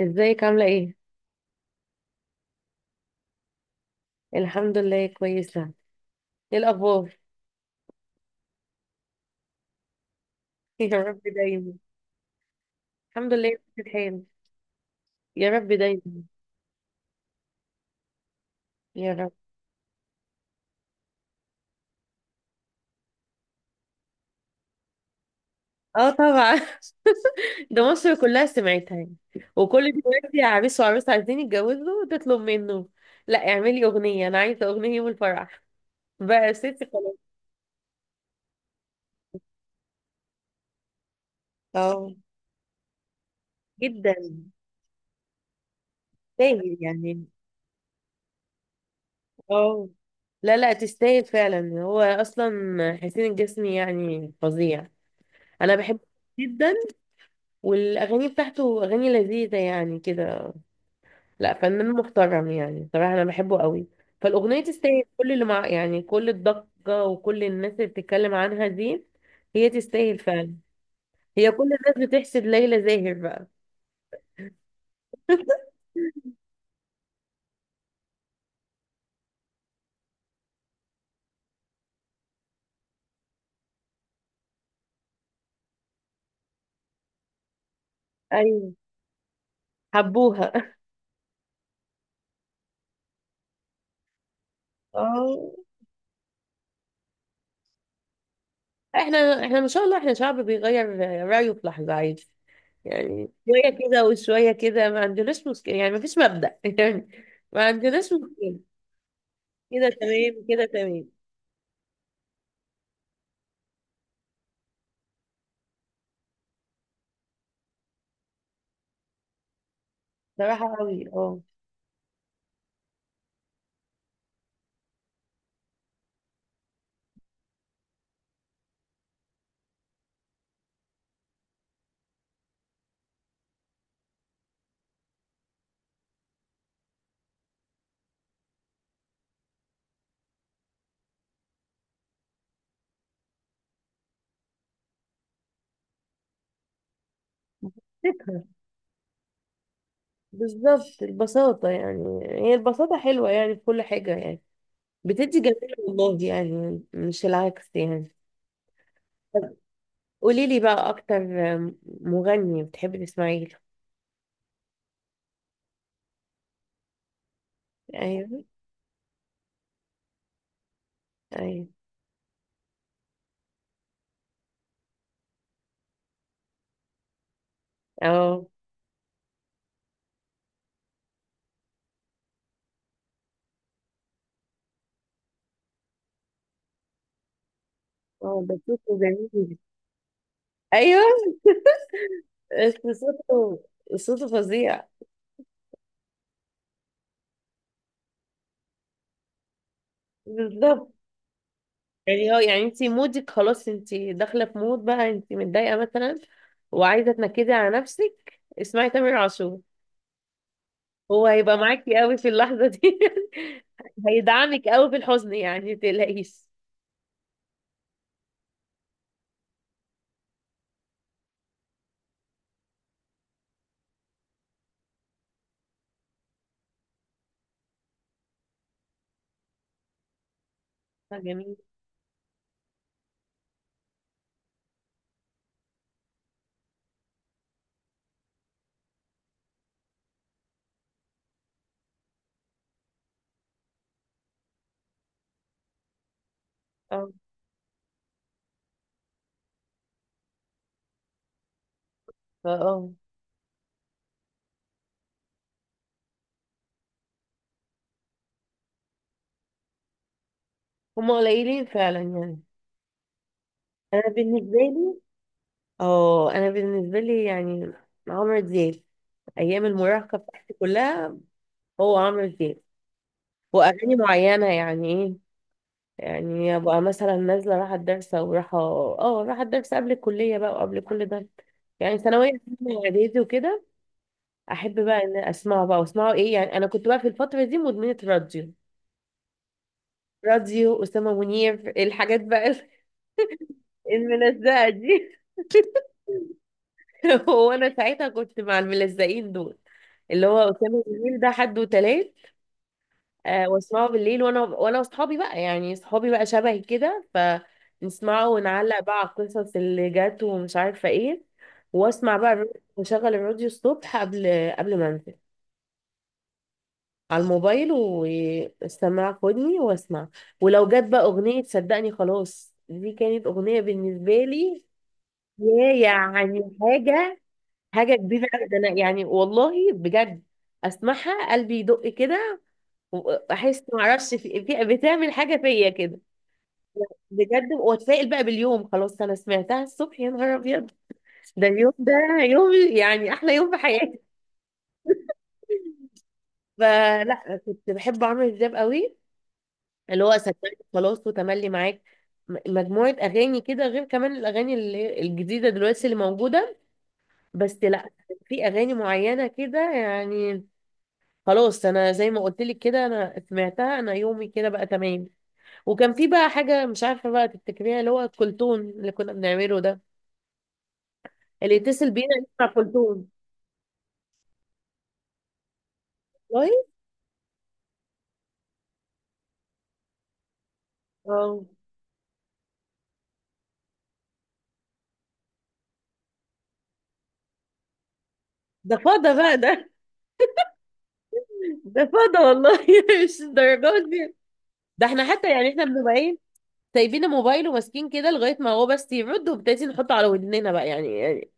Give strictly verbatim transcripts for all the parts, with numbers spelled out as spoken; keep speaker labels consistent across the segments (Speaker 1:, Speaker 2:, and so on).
Speaker 1: ازيك عاملة ايه؟ الحمد لله كويسة. ايه الأخبار؟ يا رب دايما. الحمد لله. في الحال. يا رب دايما. يا رب. اه، طبعا. ده مصر كلها سمعتها يعني. وكل دلوقتي عريس وعروس عايزين يتجوزوا تطلب منه. لا، اعملي أغنية، أنا عايزة أغنية يوم الفرح. بقى يا ستي خلاص. اه، جدا. تستاهل يعني. اه. لا، لا، تستاهل فعلا، هو أصلا حسين الجسمي يعني فظيع. أنا بحبه جدا. والاغاني بتاعته اغاني لذيذه يعني كده. لا، فنان محترم، يعني صراحه انا بحبه قوي. فالاغنيه تستاهل كل اللي مع، يعني كل الضجه وكل الناس اللي بتتكلم عنها دي. هي تستاهل فعلا. هي كل الناس بتحسد ليلى زاهر بقى. ايوه، حبوها. اه. احنا احنا ما شاء الله، احنا شعب بيغير رايه في لحظه عادي. يعني شويه كده وشويه كده، ما عندناش مشكله، يعني ما فيش مبدأ يعني. ما عندناش مشكله. كده تمام، كده تمام. صراحه قوي، اه. فكرة. بالظبط، البساطة، يعني هي البساطة حلوة يعني في كل حاجة يعني. بتدي جمال والله، يعني مش العكس يعني. قولي لي بقى أكتر، مغني بتحبي تسمعي له؟ أيوه. أيوه. أه. أه، ده صوته جميل. أيوه، بس صوته، صوته فظيع. بالظبط. يعني هو، يعني انت مودك خلاص، انت داخله في مود بقى، انت متضايقه مثلا، وعايزه تنكدي على نفسك، اسمعي تامر عاشور. هو هيبقى معاكي قوي في اللحظة دي. هيدعمك قوي في الحزن، يعني متقلقيش. آه، جميل. اه، اه. هما قليلين فعلا يعني. انا بالنسبة لي. اه، انا بالنسبة لي يعني، عمرو دياب. ايام المراهقة بتاعتي كلها هو عمرو دياب. واغاني معينة، يعني ايه، يعني ابقى مثلا نازلة رايحة الدرس او رايحة اه رايحة الدرس قبل الكلية بقى وقبل كل ده. يعني ثانوية عامة واعدادي وكده. احب بقى ان اسمعه بقى واسمعه ايه، يعني انا كنت بقى في الفتره دي مدمنه راديو. راديو اسامه منير، الحاجات بقى، الملزقه دي. هو انا ساعتها كنت مع الملزقين دول، اللي هو اسامه منير ده حد وتلات. آه واسمعه بالليل وانا وانا واصحابي بقى، يعني اصحابي بقى شبهي كده، فنسمعه ونعلق بقى على القصص اللي جت ومش عارفه ايه. واسمع بقى الر- واشغل الراديو الصبح قبل قبل ما انزل على الموبايل، واستمع خدني واسمع. ولو جت بقى اغنية، صدقني خلاص دي كانت اغنية بالنسبة لي، يا يعني حاجة حاجة كبيرة أوي. ده انا يعني والله بجد، اسمعها قلبي يدق كده، واحس معرفش، في في- بتعمل حاجة فيا كده، بجد. واتفائل بقى باليوم، خلاص انا سمعتها الصبح يا نهار ابيض، ده اليوم ده يوم، يعني احلى يوم في حياتي. فلا، كنت بحب عمرو دياب قوي، اللي هو أساكي، خلاص، وتملي معاك، المجموعة أغاني كده، غير كمان الأغاني اللي- الجديدة دلوياس اللي موجودة. بس لا، في أغاني معينة كده يعني. خلاص أنا زي ما قلتليك كده، أنا أتمعتها، أنا يومي كده بقى تمامي. وكان في بقى حاجة مش عارفة بقى، التكريه اللي هو كلتون اللي كنا بنعمله ده، اللي يتسل بينا اللي مع كلتون. والله. اه، ده فضى فقط ده. ده فضى والله، ده يجوز بيه. ده إحنا حتى، يعني إحنا بنبعين سايبين الموبايل وماسكين كده لغاية ما هو بس يرد، وبالتالي نحطه على ودننا بقى، يعني يعني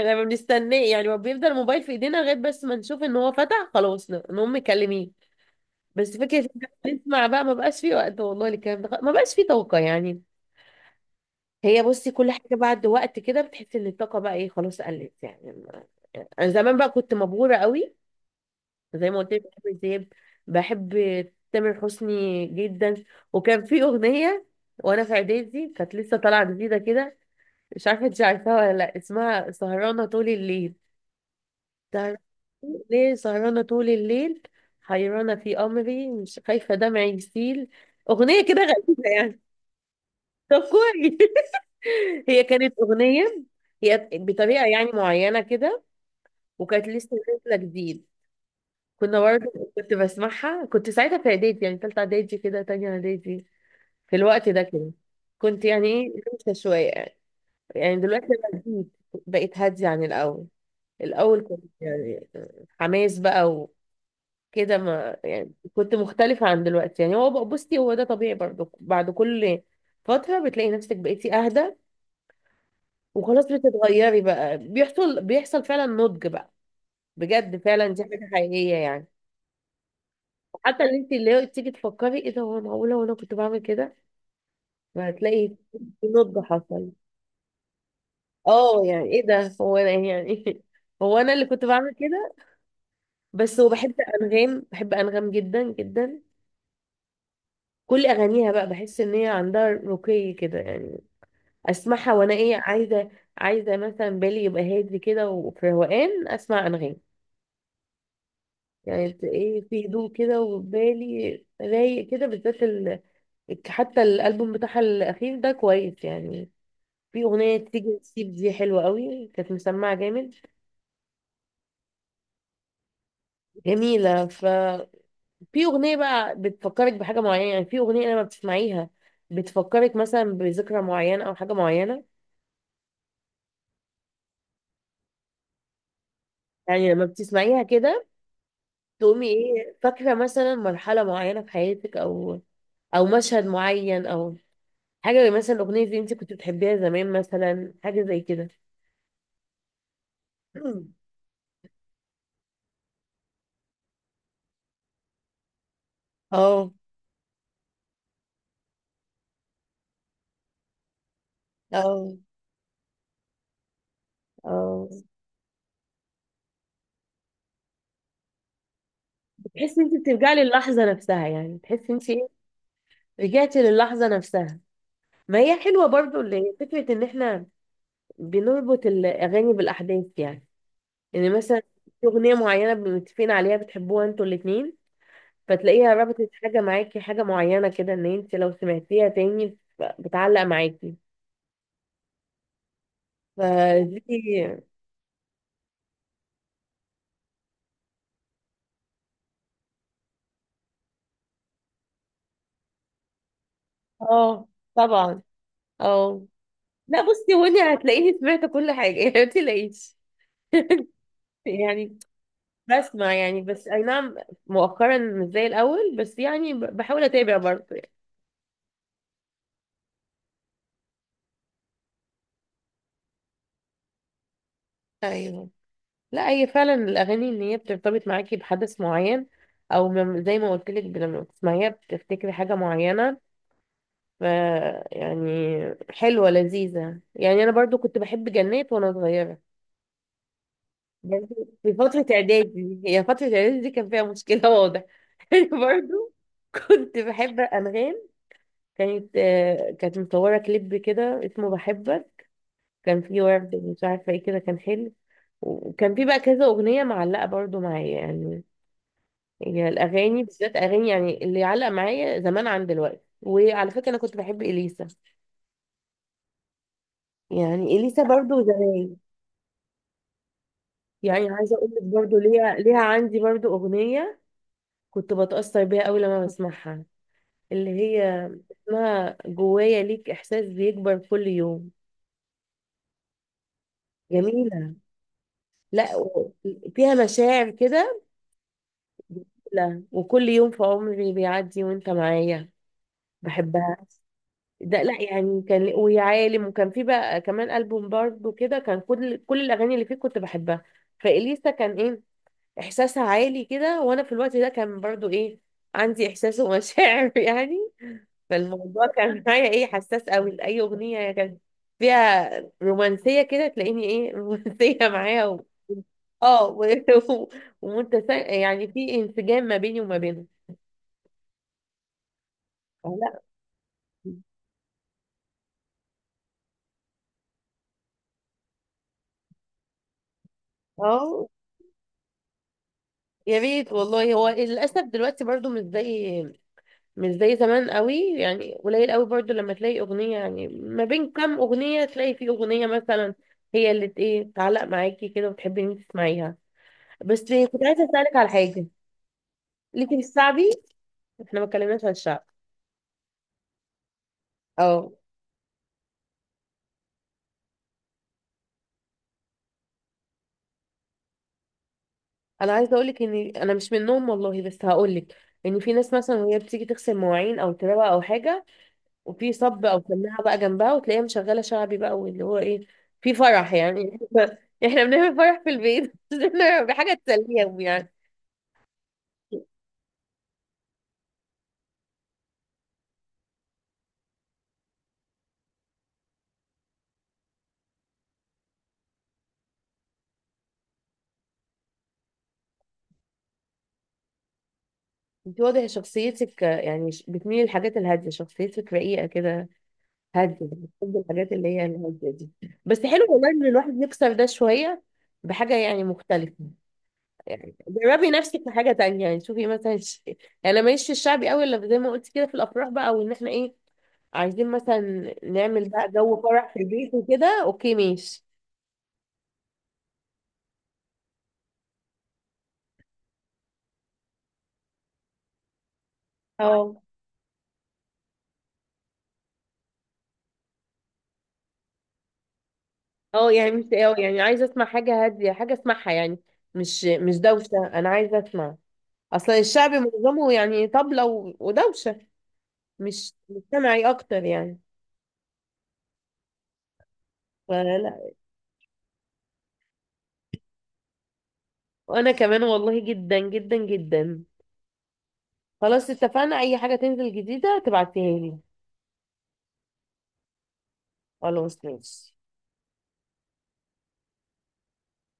Speaker 1: احنا ما بنستناه، يعني ما بيفضل الموبايل في ايدينا لغاية بس ما نشوف ان هو فتح، خلاص ن- نقوم مكلمين. بس فكرة إن إحنا نسمع بقى ما بقاش فيه وقت والله، الكلام ده خ- ما بقاش فيه طاقة يعني. هي بصي، كل حاجة بعد وقت كده بتحس ان الطاقة بقى ايه، خلاص قلت يعني ما- انا زمان بقى كنت مبهورة قوي. زي ما قلت لك، بحب زياد، بحب تامر حسني جدا. وكان في أغنية، وانا في اعدادي كانت لسه طالعة جديدة كده، مش عارفة انت عارفاها ولا لا، اسمها سهرانة طول الليل. تعرف؟ ليه سهرانة طول الليل، حيرانة في أمري مش خايفة دمعي يسيل. أغنية كده غريبة يعني. طب كويس. هي كانت أغنية هي بطريقة يعني معينة كده، وكانت لسه نازلة جديد. كنا برضه، كنت بسمعها، كنت ساعتها في إعدادي، يعني تالتة إعدادي كده، تانية إعدادي، في الوقت ده كده، كنت يعني ايه لسه شوية يعني. يعني دلوقتي أنا جديد بقيت هادية عن الأول. الأول كنت يعني حماس بقى وكده، ما يعني كنت مختلفة عن دلوقتي، يعني هو بقى- بصي هو ده طبيعي برضه، بعد كل فترة بتلاقي نفسك بقيتي أهدى، وخلاص بتتغيري بقى، بيحصل بيحصل فعلا نضج بقى، بجد فعلا دي حاجة حقيقية يعني. حتى اللي انت اللي هو تيجي تفكري ايه ده، هو معقولة وانا كنت بعمل كده؟ فهتلاقي في نضج حصل. اه يعني ايه ده، هو انا يعني هو انا اللي كنت بعمل كده؟ بس هو بحب انغام، بحب انغام جدا جدا. كل اغانيها بقى بحس ان هي عندها رقي كده يعني. اسمعها وانا ايه، عايزه عايزه مثلا بالي يبقى هادي كده وفي روقان اسمع انغام. يعني ت- ايه في هدوء كده وبالي رايق كده، بالذات ال... حتى الالبوم بتاعها الاخير ده كويس يعني. في اغنيه تيجي تسيب دي حلوه قوي، كانت مسمعه جامد، جميله. ففي اغنيه بقى بتفكرك بحاجه معينه، يعني في اغنيه لما بتسمعيها بتفكرك مثلا بذكرى معينه او حاجه معينه. يعني لما بتسمعيها كده، تقومي ايه فاكرة مثلا مرحلة معينة في حياتك، او او مشهد معين، او حاجة، مثلا الأغنية دي انت كنت بتحبيها زمان، مثلا حاجة زي كده. مم. اه، اه، اه. بتحسي انت بترجعي للحظة نفسها، يعني بتحسي انت ايه، رجعتي للحظة نفسها؟ ما هي حلوة برضو اللي هي فكرة ان احنا بنربط الأغاني بالأحداث يعني. يعني مثلا في أغنية معينة متفقين عليها بتحبوها انتوا الاتنين، فتلاقيها ربطت حاجة معاكي، حاجة معينة كده، ان انت لو سمعتيها تاني ف- بتعلق معاكي، فدي. اه طبعا. اه، لا بصي، هوني هتلاقيني سمعت كل حاجة، يعني ما تلاقيش يعني، بسمع يعني، بس اي نعم، مؤخرا مش زي الاول، بس يعني ب- بحاول اتابع برضه يعني. ايوه. لا هي فعلا الاغاني ان هي بترتبط معاكي بحدث معين، او ما- زي ما قلت لك لما بتسمعيها بتفتكري حاجة معينة. ف يعني حلوة لذيذة، يعني أنا برضو كنت بحب جنات وأنا صغيرة برضو، في فترة إعدادي، هي فترة إعدادي دي كان فيها مشكلة واضح. أنا برضو كنت بحب أنغام. كانت آه، كانت مصورة كليب كده اسمه بحبك، كان فيه ورد مش عارفة ايه كده، كان حلو. وكان فيه بقى كذا أغنية معلقة برضو معايا يعني. هي الأغاني بالذات أغاني يعني اللي علق معايا زمان عن دلوقتي. وعلى فكرة أنا كنت بحب إليسا، يعني إليسا برضو زمان، يعني عايزه اقول لك برضو، ليها ليها عندي برضو اغنيه كنت بتاثر بيها قوي لما بسمعها، اللي هي اسمها جوايا ليك احساس بيكبر كل يوم. جميله. لا، و- فيها مشاعر كده، لا وكل يوم في عمري بيعدي وانت معايا. بحبها. ده لا يعني كان ويا عالم، وكان في بقى كمان ألبوم برضو كده كان كل كل الأغاني اللي فيه كنت بحبها. فإليسا كان إيه احساسها عالي كده، وانا في الوقت ده كان برضو ايه، عندي احساس ومشاعر. يعني فالموضوع كان معايا ايه، حساس قوي لاي اغنيه كان فيها رومانسيه كده، تلاقيني ايه رومانسيه معايا و... اه، و... و... ومتس... يعني في انسجام ما بيني وما بينها. لا. اه. يا ريت والله. هو للاسف دلوقتي برضو مش زي مش زي زمان قوي، يعني قليل قوي برضو لما تلاقي اغنية، يعني ما بين كام اغنية تلاقي في اغنية مثلا هي اللي ت- ايه تعلق معاكي كده وتحبي ان انت تسمعيها. بس كنت عايزة اسألك على حاجة. ليكي في الشعبي؟ احنا ما اتكلمناش عن الشعب. اه، انا عايزة اقولك ان انا مش منهم والله، بس هقولك ان في ناس مثلا وهي بتيجي تغسل مواعين او تروق او حاجة، وفي صب او سماعة بقى جنبها، وتلاقيها مشغلة شعبي بقى، واللي هو ايه، في فرح يعني. احنا بنعمل فرح في البيت بحاجة تسليهم يعني. انت واضح شخصيتك آه، يعني ش- بتميلي للحاجات الهاديه، شخصيتك رقيقه كده، هاديه، بتحب الحاجات اللي هي الهاديه دي. بس حلو والله ان الواحد يكسر ده شويه بحاجه يعني مختلفه. يعني جربي نفسك في حاجه تانية، يعني شوفي مثلا ش... يعني انا ماليش في الشعبي قوي، الا زي ما قلت كده في الافراح بقى، وان احنا ايه عايزين مثلا نعمل بقى جو فرح في البيت وكده، اوكي ماشي. اه، اه، يعني مش اه يعني عايزه اسمع حاجه هاديه، حاجه اسمعها يعني، مش مش دوشه، انا عايزه اسمع. اصلا الشعب معظمه يعني طبلة و- ودوشة، مش مجتمعي اكتر يعني. فلا. وانا كمان والله جدا جدا جدا. خلاص اتفقنا، اي حاجة تنزل جديدة تبعتيها لي. خلاص ماشي.